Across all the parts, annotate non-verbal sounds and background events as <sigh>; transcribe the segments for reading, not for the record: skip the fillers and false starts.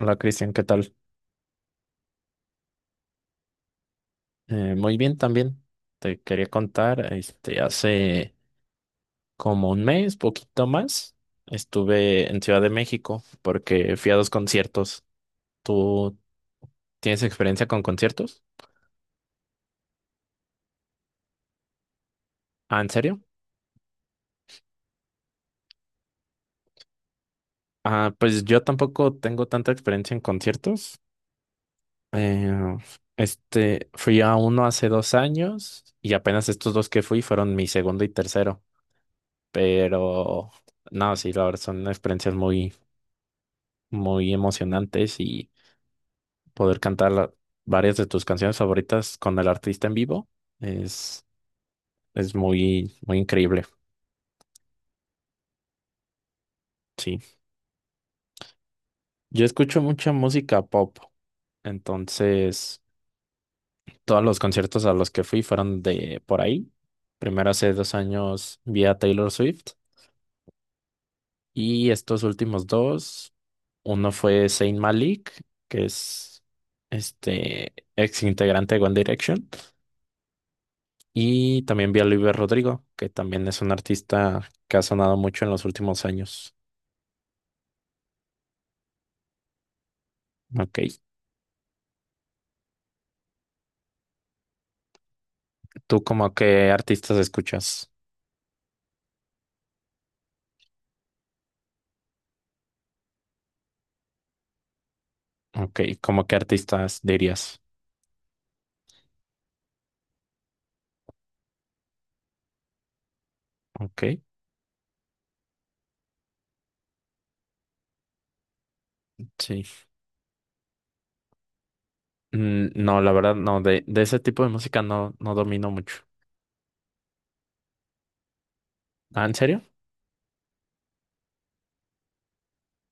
Hola Cristian, ¿qué tal? Muy bien también. Te quería contar, este, hace como un mes, poquito más, estuve en Ciudad de México porque fui a dos conciertos. ¿Tú tienes experiencia con conciertos? Ah, ¿en serio? Ah, pues yo tampoco tengo tanta experiencia en conciertos. Eh, este, fui a uno hace 2 años y apenas estos dos que fui fueron mi segundo y tercero. Pero no, sí, la verdad son experiencias muy, muy emocionantes y poder cantar varias de tus canciones favoritas con el artista en vivo es, es muy, muy increíble. Sí. Yo escucho mucha música pop, entonces todos los conciertos a los que fui fueron de por ahí. Primero hace 2 años vi a Taylor Swift y estos últimos dos, uno fue Saint Malik, que es este ex integrante de One Direction. Y también vi a Luis Rodrigo, que también es un artista que ha sonado mucho en los últimos años. Ok. ¿Tú como qué artistas escuchas? Ok. ¿Cómo qué artistas dirías? Ok. Sí. No, la verdad, no. De ese tipo de música no, no domino mucho. Ah, ¿en serio?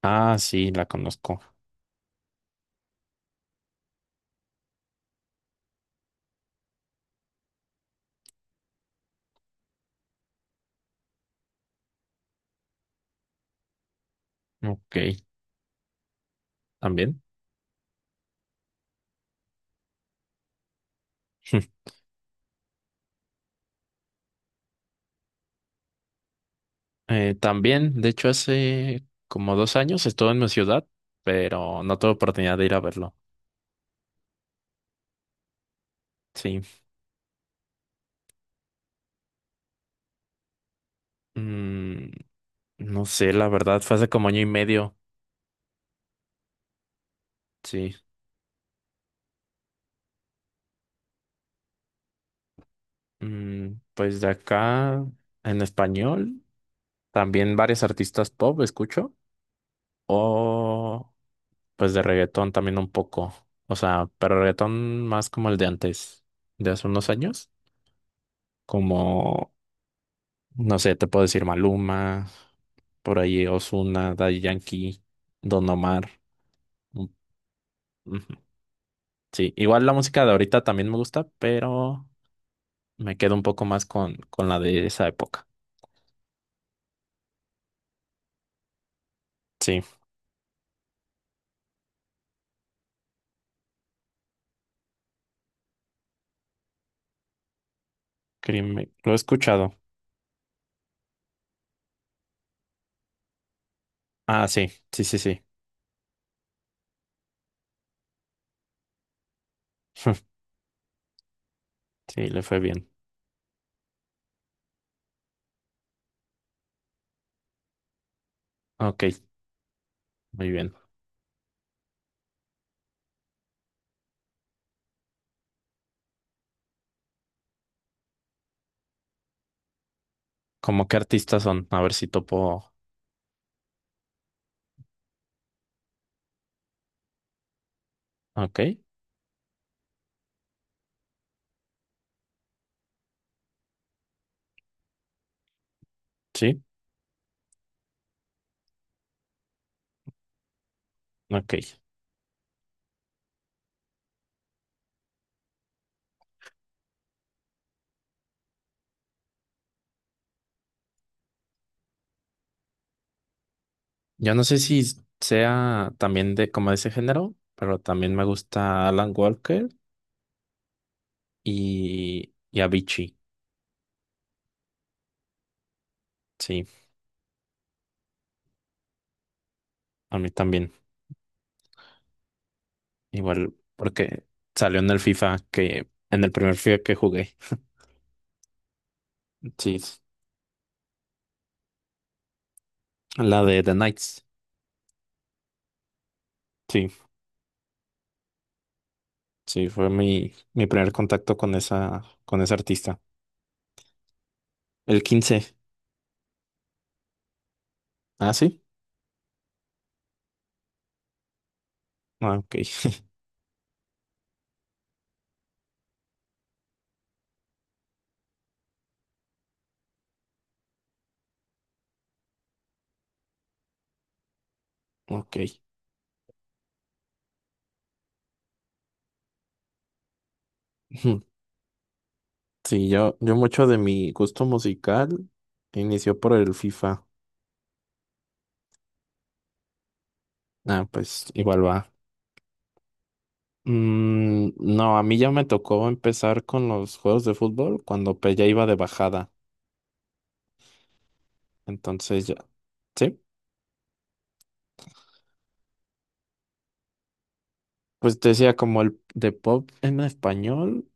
Ah, sí, la conozco. Ok. También. <laughs> También, de hecho, hace como 2 años estuve en mi ciudad, pero no tuve oportunidad de ir a verlo. Sí. Mm, No sé, la verdad, fue hace como año y medio. Sí. Pues de acá, en español, también varios artistas pop escucho. O pues de reggaetón también un poco. O sea, pero reggaetón más como el de antes, de hace unos años. Como, no sé, te puedo decir Maluma, por ahí Ozuna, Daddy Yankee, Don Omar. Mm, ujú. Sí, igual la música de ahorita también me gusta, pero me quedo un poco más con la de esa época. Sí, crimen. Lo he escuchado. Ah, sí, sí, sí, sí. <laughs> Sí, le fue bien. Ok, muy bien. ¿Cómo qué artistas son? A ver si topo. Ok, sí, ok. Yo no sé si sea también de como de ese género, pero también me gusta Alan Walker y Avicii. Sí, a mí también. Igual, porque salió en el primer FIFA que jugué. Sí, la de The Knights. Sí. Sí, fue mi primer contacto con con ese artista. El 15. ¿Ah, sí? Ah, ok, <laughs> ok. Ujú. Sí, yo mucho de mi gusto musical inició por el FIFA. Ah, pues igual va. No, a mí ya me tocó empezar con los juegos de fútbol cuando pues, ya iba de bajada. Entonces ya, sí. Pues te decía como el de pop en español,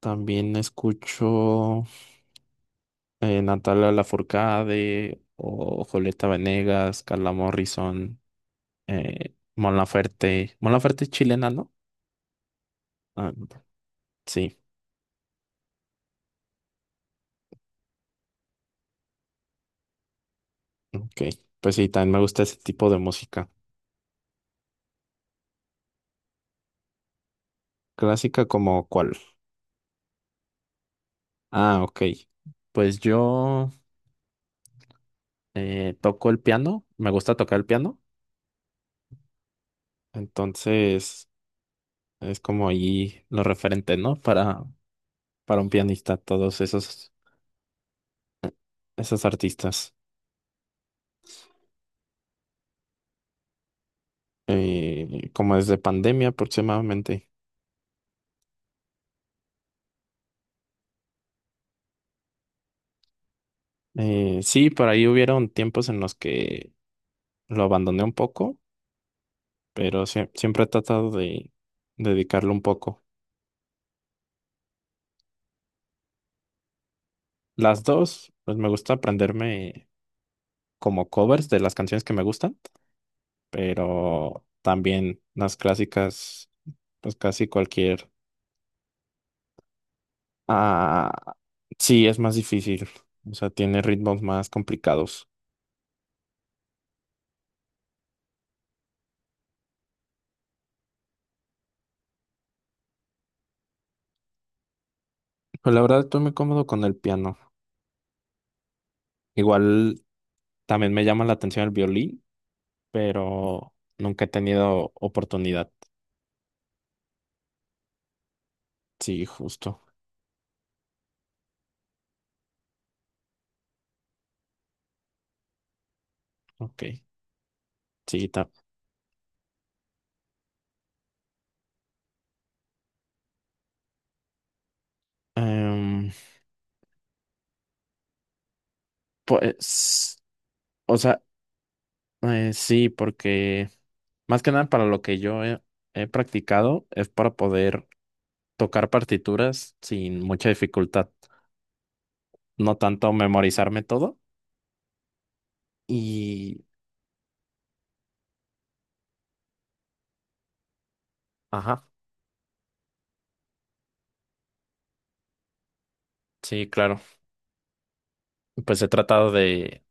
también escucho. Natalia Lafourcade o Julieta Venegas, Carla Morrison, Mon Laferte. Mon Laferte es chilena, ¿no? Ah, sí, ok. Pues sí, también me gusta ese tipo de música. Clásica como cuál. Ah, ok. Pues yo toco el piano, me gusta tocar el piano, entonces es como ahí lo referente, ¿no? Para un pianista, todos esos artistas. Como desde pandemia aproximadamente. Sí, por ahí hubieron tiempos en los que lo abandoné un poco, pero siempre he tratado de dedicarlo un poco. Las dos, pues me gusta aprenderme como covers de las canciones que me gustan, pero también las clásicas, pues casi cualquier. Ah, sí, es más difícil, o sea, tiene ritmos más complicados. Pero la verdad estoy muy cómodo con el piano. Igual también me llama la atención el violín pero nunca he tenido oportunidad. Sí, justo. Ok, sí, em, pues, o sea, sí, porque más que nada para lo que yo he practicado es para poder tocar partituras sin mucha dificultad, no tanto memorizarme todo y, ajá, sí, claro. Pues he tratado de,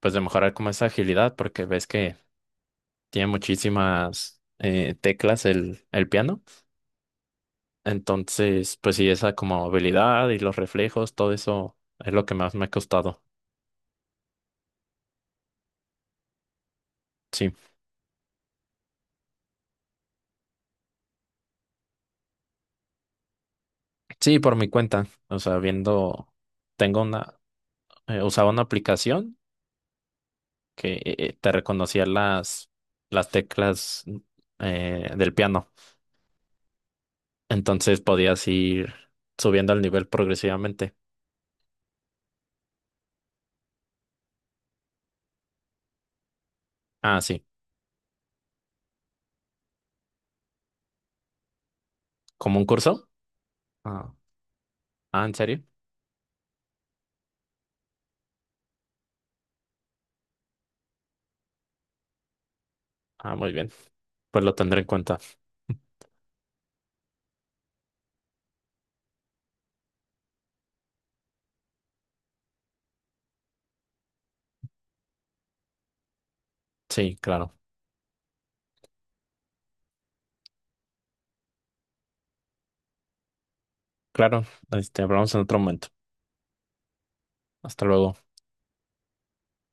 pues de mejorar como esa agilidad porque ves que tiene muchísimas teclas el piano. Entonces, pues sí, esa como habilidad y los reflejos, todo eso es lo que más me ha costado. Sí, sí, por mi cuenta. O sea, viendo, tengo una, usaba una aplicación que te reconocía las teclas del piano. Entonces podías ir subiendo el nivel progresivamente. Ah, sí, como un curso. Ah, ah, ¿en serio? Ah, muy bien. Pues lo tendré en cuenta. <laughs> Sí, claro. Claro, este, hablamos en otro momento. Hasta luego.